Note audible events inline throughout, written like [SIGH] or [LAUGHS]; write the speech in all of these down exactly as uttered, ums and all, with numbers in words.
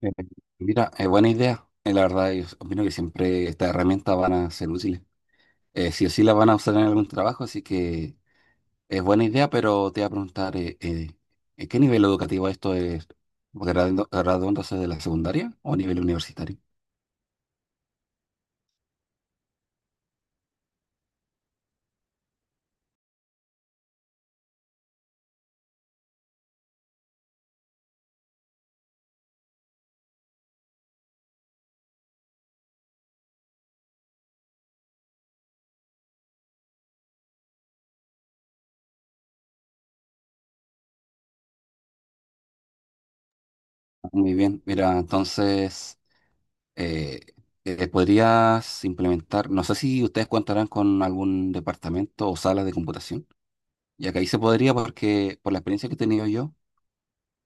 Eh, Mira, es buena idea. Eh, La verdad, yo opino que siempre estas herramientas van a ser útiles. Eh, sí o sí las van a usar en algún trabajo, así que es buena idea, pero te voy a preguntar, eh, eh, ¿en ¿qué nivel educativo esto es? ¿Graduando- ¿Graduándose de la secundaria o a nivel universitario? Muy bien, mira, entonces eh, eh, podrías implementar, no sé si ustedes contarán con algún departamento o sala de computación, ya que ahí se podría porque por la experiencia que he tenido yo.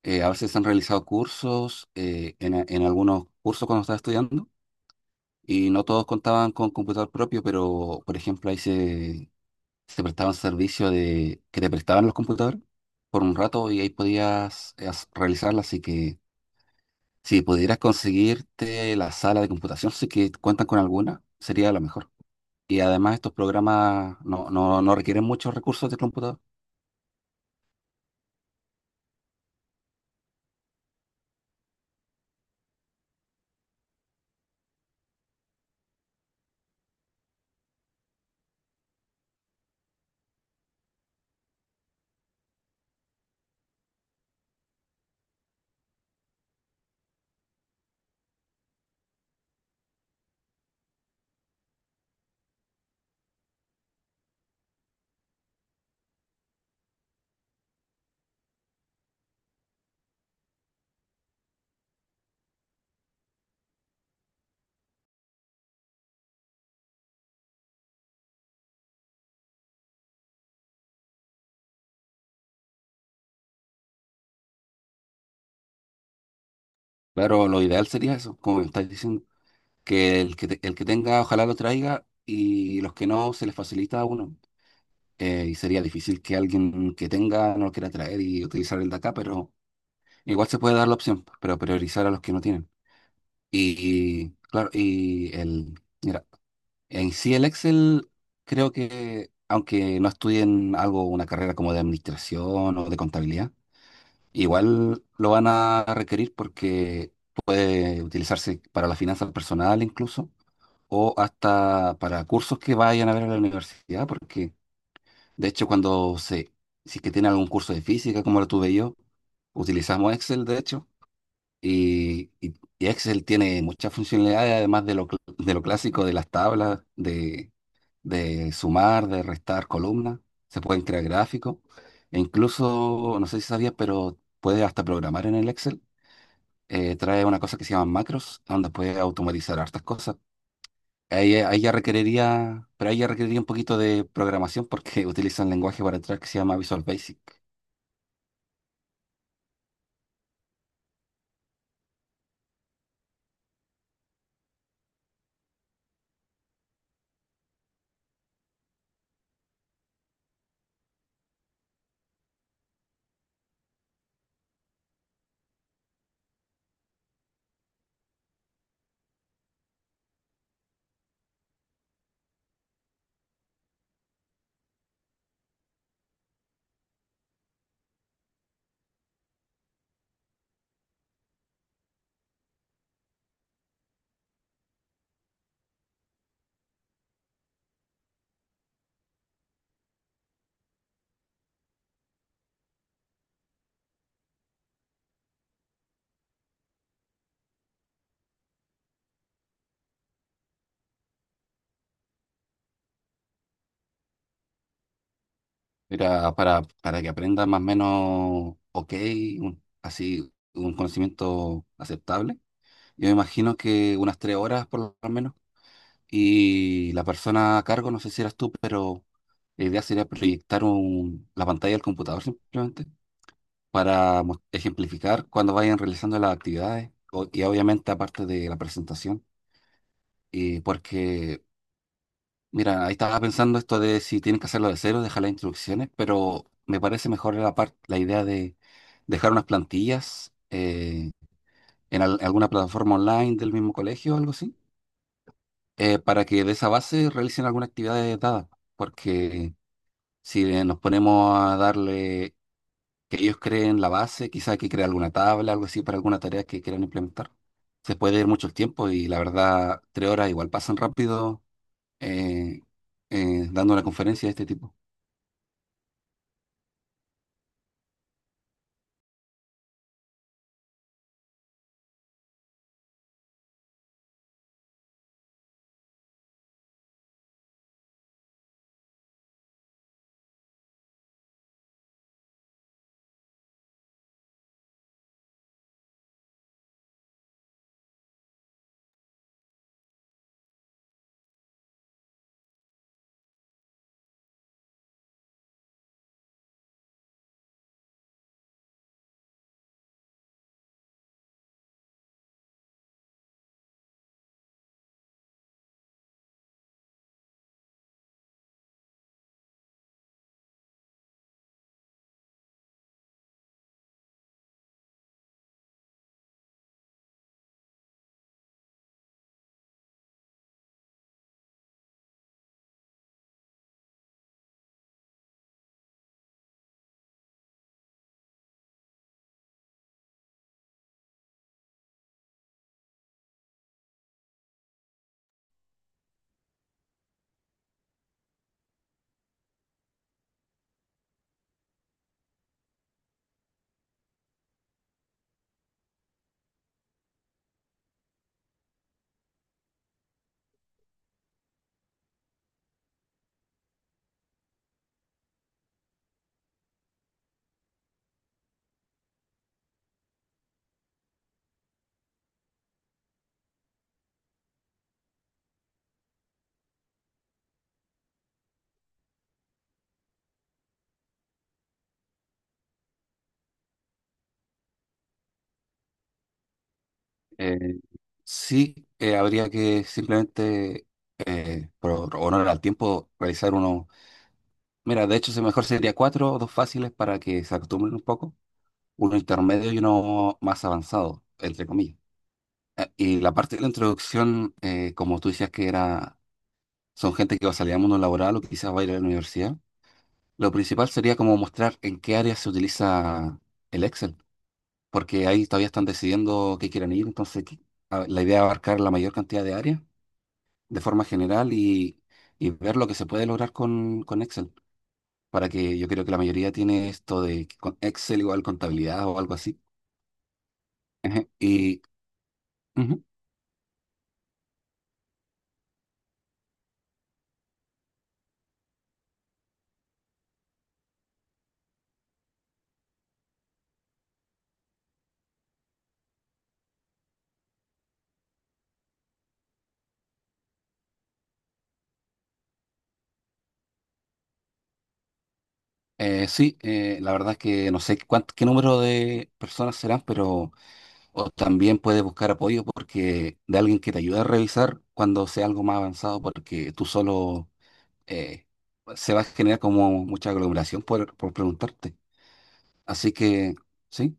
Eh, a veces se han realizado cursos, eh, en, a- en algunos cursos cuando estaba estudiando, y no todos contaban con computador propio, pero por ejemplo ahí se, se prestaban servicios de que te prestaban los computadores por un rato y ahí podías eh, as- realizarla. Así que si pudieras conseguirte la sala de computación, sí que cuentan con alguna, sería lo mejor. Y además estos programas no, no, no requieren muchos recursos de computador. Claro, lo ideal sería eso, como me estás diciendo, que el que, te- el que tenga ojalá lo traiga y los que no se les facilita a uno. Eh, y sería difícil que alguien que tenga no lo quiera traer y utilizar el de acá, pero igual se puede dar la opción, pero priorizar a los que no tienen. Y, y, claro, y el, mira, en sí el Excel creo que aunque no estudien algo, una carrera como de administración o de contabilidad, igual lo van a requerir porque puede utilizarse para la finanza personal incluso o hasta para cursos que vayan a ver a la universidad, porque de hecho cuando se, si es que tienen algún curso de física, como lo tuve yo, utilizamos Excel, de hecho, y, y- y Excel tiene muchas funcionalidades, además de lo, cl- de lo clásico de las tablas, de, de sumar, de restar columnas, se pueden crear gráficos, e incluso, no sé si sabías, pero puedes hasta programar en el Excel. Eh, trae una cosa que se llama macros, donde puedes automatizar hartas cosas. Ahí, ahí ya requeriría, pero ahí ya requeriría un poquito de programación porque [LAUGHS] utiliza un lenguaje para entrar que se llama Visual Basic. Era para, para que aprenda más o menos ok, un- así un conocimiento aceptable. Yo me imagino que unas tres horas por lo menos. Y la persona a cargo, no sé si eras tú, pero la idea sería proyectar un- la pantalla del computador simplemente para mos- ejemplificar cuando vayan realizando las actividades o- y obviamente aparte de la presentación. Y porque Mira, ahí estaba pensando esto de si tienes que hacerlo de cero, dejar las instrucciones, pero me parece mejor la parte, la idea de dejar unas plantillas eh, en al- alguna plataforma online del mismo colegio o algo así, eh, para que de esa base realicen alguna actividad dada, porque si eh, nos ponemos a darle que ellos creen la base, quizá hay que crear alguna tabla, algo así para alguna tarea que quieran implementar. Se puede ir mucho el tiempo y la verdad, tres horas igual pasan rápido eh, eh, dando una conferencia de este tipo. Eh, sí, eh, habría que simplemente, eh, por honor al tiempo, realizar uno. Mira, de hecho, se- mejor sería cuatro o dos fáciles para que se acostumbren un poco, uno intermedio y uno más avanzado, entre comillas. Eh, y la parte de la introducción, eh, como tú decías que era, son gente que va a salir al mundo laboral o que quizás va a ir a la universidad. Lo principal sería como mostrar en qué área se utiliza el Excel, porque ahí todavía están decidiendo qué quieren ir, entonces que- a- la idea es abarcar la mayor cantidad de áreas de forma general y, y ver lo que se puede lograr con, con Excel, para que yo creo que la mayoría tiene esto de que con Excel igual contabilidad o algo así. Y ujú, eh, sí, eh, la verdad es que no sé cuánt- qué número de personas serán, pero o también puedes buscar apoyo porque de alguien que te ayude a revisar cuando sea algo más avanzado, porque tú solo eh, se va a generar como mucha aglomeración por, por preguntarte. Así que... Sí.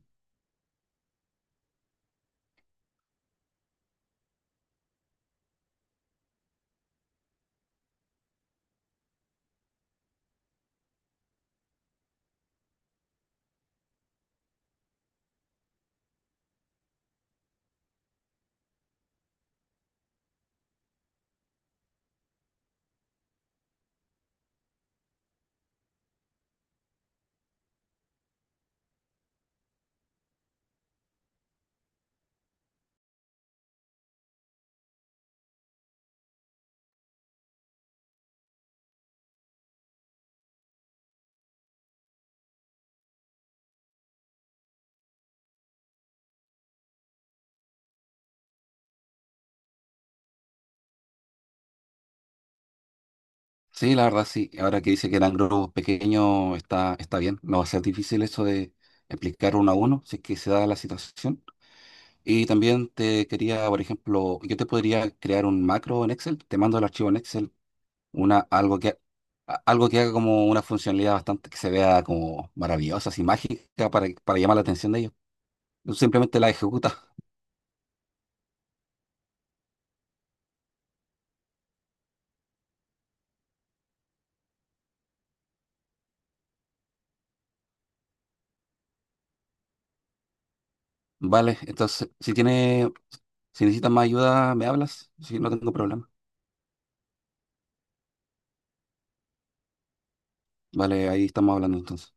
Sí, la verdad sí. Ahora que dice que eran grupos pequeños, está, está bien. No va a ser difícil eso de explicar uno a uno, si es que se da la situación. Y también te quería, por ejemplo, yo te podría crear un macro en Excel, te mando el archivo en Excel, una, algo que, a- algo que haga como una funcionalidad bastante que se vea como maravillosa, así mágica, para, para llamar la atención de ellos. Tú simplemente la ejecutas, [LAUGHS] ¿vale? Entonces, si tiene, si necesitas más ayuda, me hablas, si no tengo problema. Vale, ahí estamos hablando entonces.